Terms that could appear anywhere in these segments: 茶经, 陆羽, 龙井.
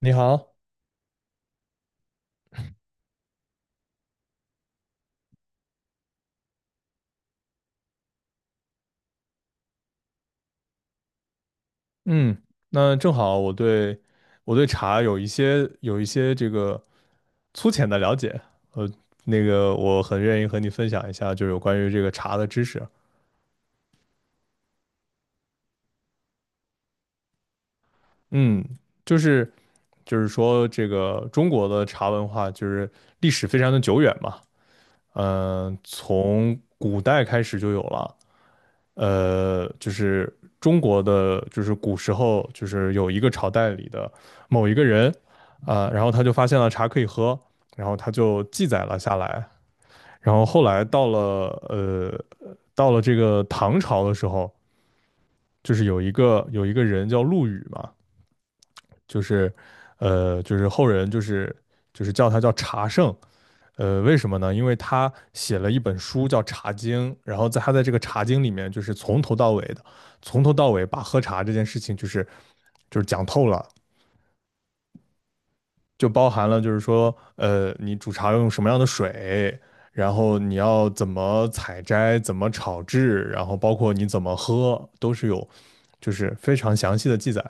你好。嗯，那正好我对我对茶有一些有一些这个粗浅的了解。呃，我很愿意和你分享一下，就是有关于这个茶的知识。嗯，就是就是说这个中国的茶文化就是历史非常的久远嘛。嗯、从古代开始就有了。就是中国的，就是古时候，就是有一个朝代里的某一个人，啊、然后他就发现了茶可以喝，然后他就记载了下来。然后后来到了呃，到了这个唐朝的时候，就是有一个人叫陆羽嘛。就是后人就是叫他叫茶圣。呃，为什么呢？因为他写了一本书叫《茶经》，然后在这个《茶经》里面，就是从头到尾的，从头到尾把喝茶这件事情，就是讲透了。就包含了就是说，呃，你煮茶要用什么样的水，然后你要怎么采摘，怎么炒制，然后包括你怎么喝，都是有就是非常详细的记载。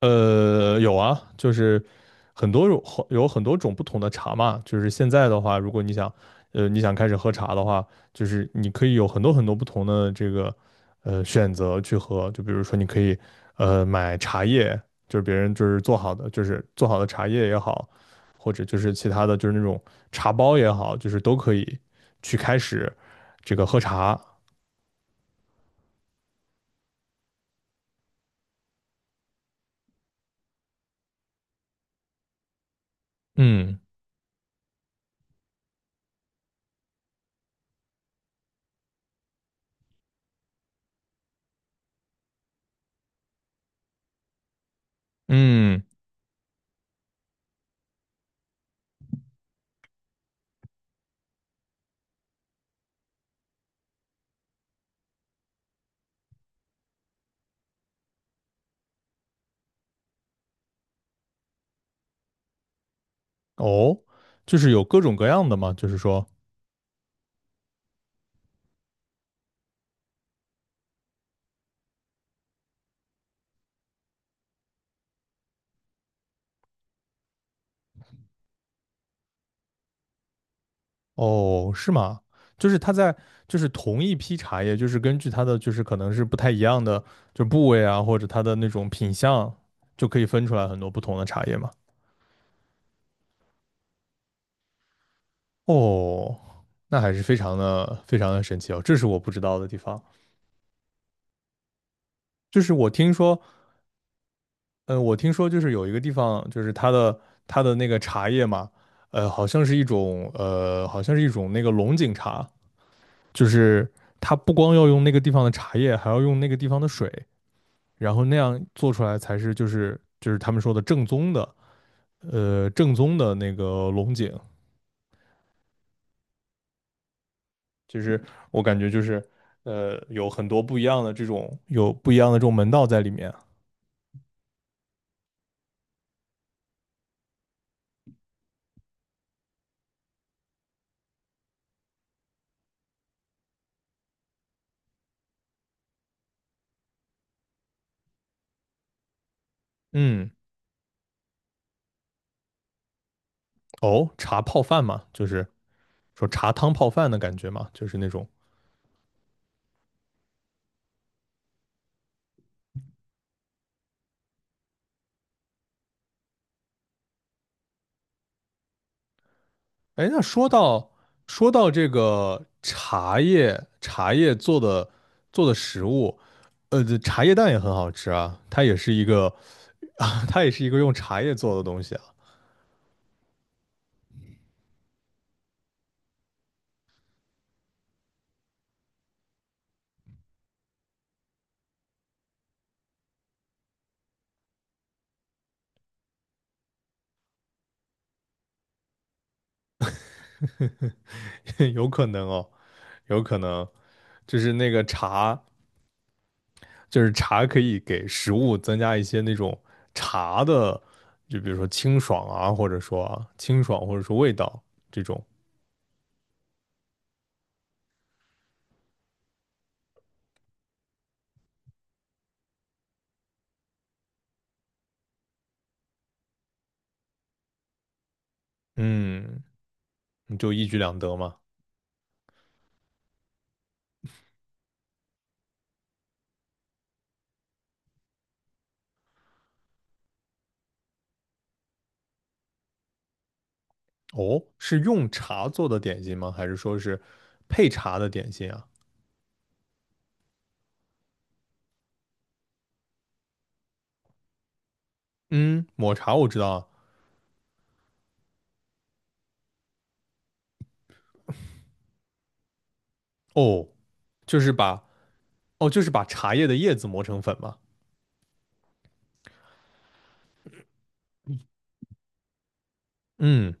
呃，有啊，就是很多种，有很多种不同的茶嘛。就是现在的话，如果你想，呃，你想开始喝茶的话，就是你可以有很多很多不同的这个，呃，选择去喝。就比如说，你可以，呃，买茶叶，就是别人做好的，就是做好的茶叶也好，或者就是其他的就是那种茶包也好，就是都可以去开始这个喝茶。嗯嗯。哦，就是有各种各样的嘛，就是说。哦，是吗？就是它在，就是同一批茶叶，就是根据它的，就是可能是不太一样的，就部位啊，或者它的那种品相，就可以分出来很多不同的茶叶嘛。哦，那还是非常的非常的神奇哦，这是我不知道的地方。就是我听说，就是有一个地方，就是它的那个茶叶嘛，呃，好像是一种呃，好像是一种那个龙井茶。就是它不光要用那个地方的茶叶，还要用那个地方的水。然后那样做出来才是就是他们说的正宗的正宗的那个龙井。就是我感觉就是呃有很多不一样的有不一样的这种门道在里面。嗯。哦，茶泡饭嘛，就是说茶汤泡饭的感觉嘛，就是那种。哎，那说到这个茶叶做的做的食物，呃，这茶叶蛋也很好吃啊，它也是一个啊，它也是一个用茶叶做的东西啊。有可能哦，有可能就是那个茶，就是茶可以给食物增加一些那种茶的，就比如说清爽啊，或者说清爽，或者说味道这种。嗯，你就一举两得嘛。哦，是用茶做的点心吗？还是说是配茶的点心啊？嗯，抹茶我知道啊。哦，就是把哦，就是把茶叶的叶子磨成粉嘛。嗯。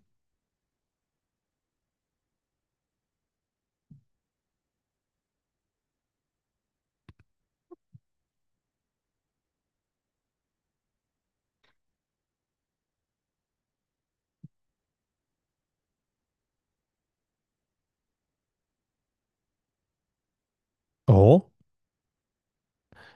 哦。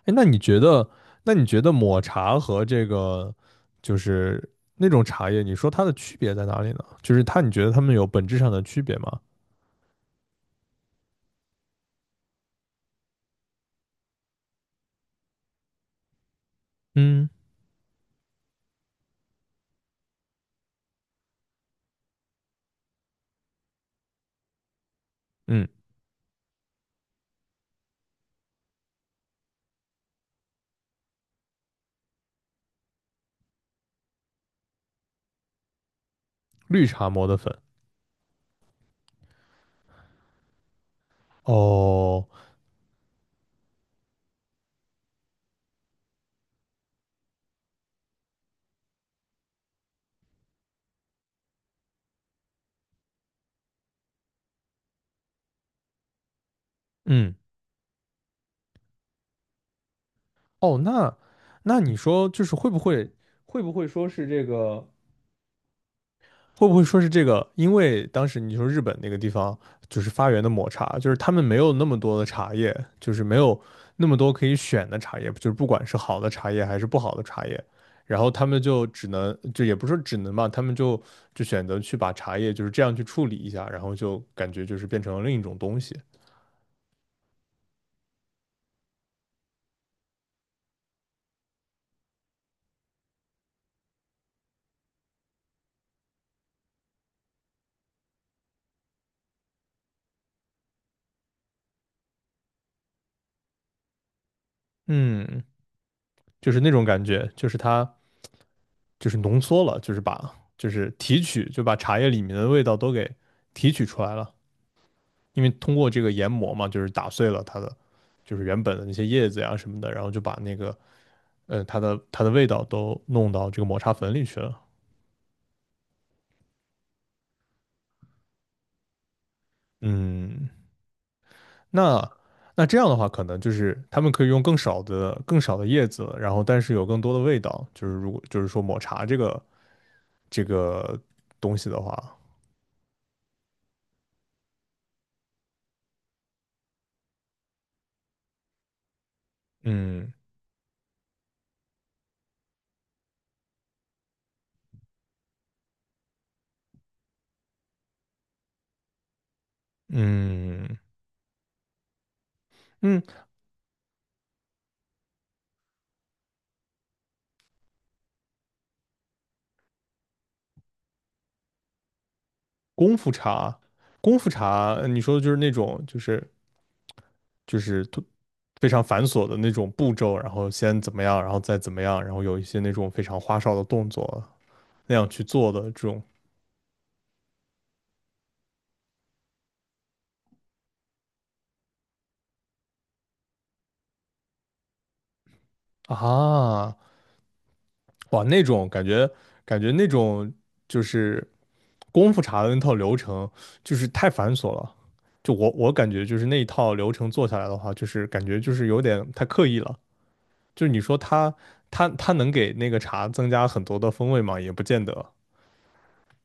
哎，那你觉得，那你觉得抹茶和这个就是那种茶叶，你说它的区别在哪里呢？就是它，你觉得它们有本质上的区别吗？嗯。嗯。绿茶磨的粉。哦。嗯。哦，那你说就是会不会说是这个会不会说是这个？因为当时你说日本那个地方就是发源的抹茶，就是他们没有那么多的茶叶，就是没有那么多可以选的茶叶，就是不管是好的茶叶还是不好的茶叶，然后他们就只能就也不是说只能吧，他们就选择去把茶叶就是这样去处理一下，然后就感觉就是变成了另一种东西。嗯，就是那种感觉，就是它就是浓缩了，就是就是提取就把茶叶里面的味道都给提取出来了。因为通过这个研磨嘛，就是打碎了它的就是原本的那些叶子呀什么的，然后就把那个呃它的味道都弄到这个抹茶粉里去了。嗯，那那这样的话，可能就是他们可以用更少的叶子，然后但是有更多的味道。就是如果就是说抹茶这个这个东西的话，嗯嗯嗯。功夫茶，功夫茶，呃你说的就是那种就是就是突非常繁琐的那种步骤，然后先怎么样，然后再怎么样，然后有一些那种非常花哨的动作那样去做的这种啊。哇，那种感觉那种就是功夫茶的那套流程就是太繁琐了。就我感觉就是那一套流程做下来的话，就是感觉就是有点太刻意了。就是你说它能给那个茶增加很多的风味吗？也不见得。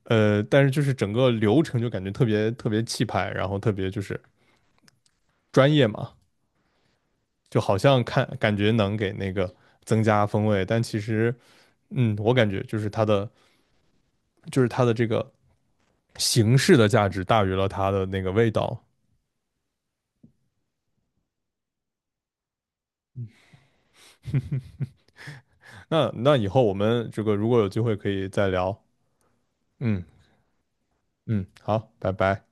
呃，但是就是整个流程就感觉特别特别气派，然后特别就是专业嘛，就好像看感觉能给那个增加风味，但其实，嗯，我感觉就是就是它的这个形式的价值大于了它的那个味道。那那以后我们这个如果有机会可以再聊。嗯嗯，好，拜拜。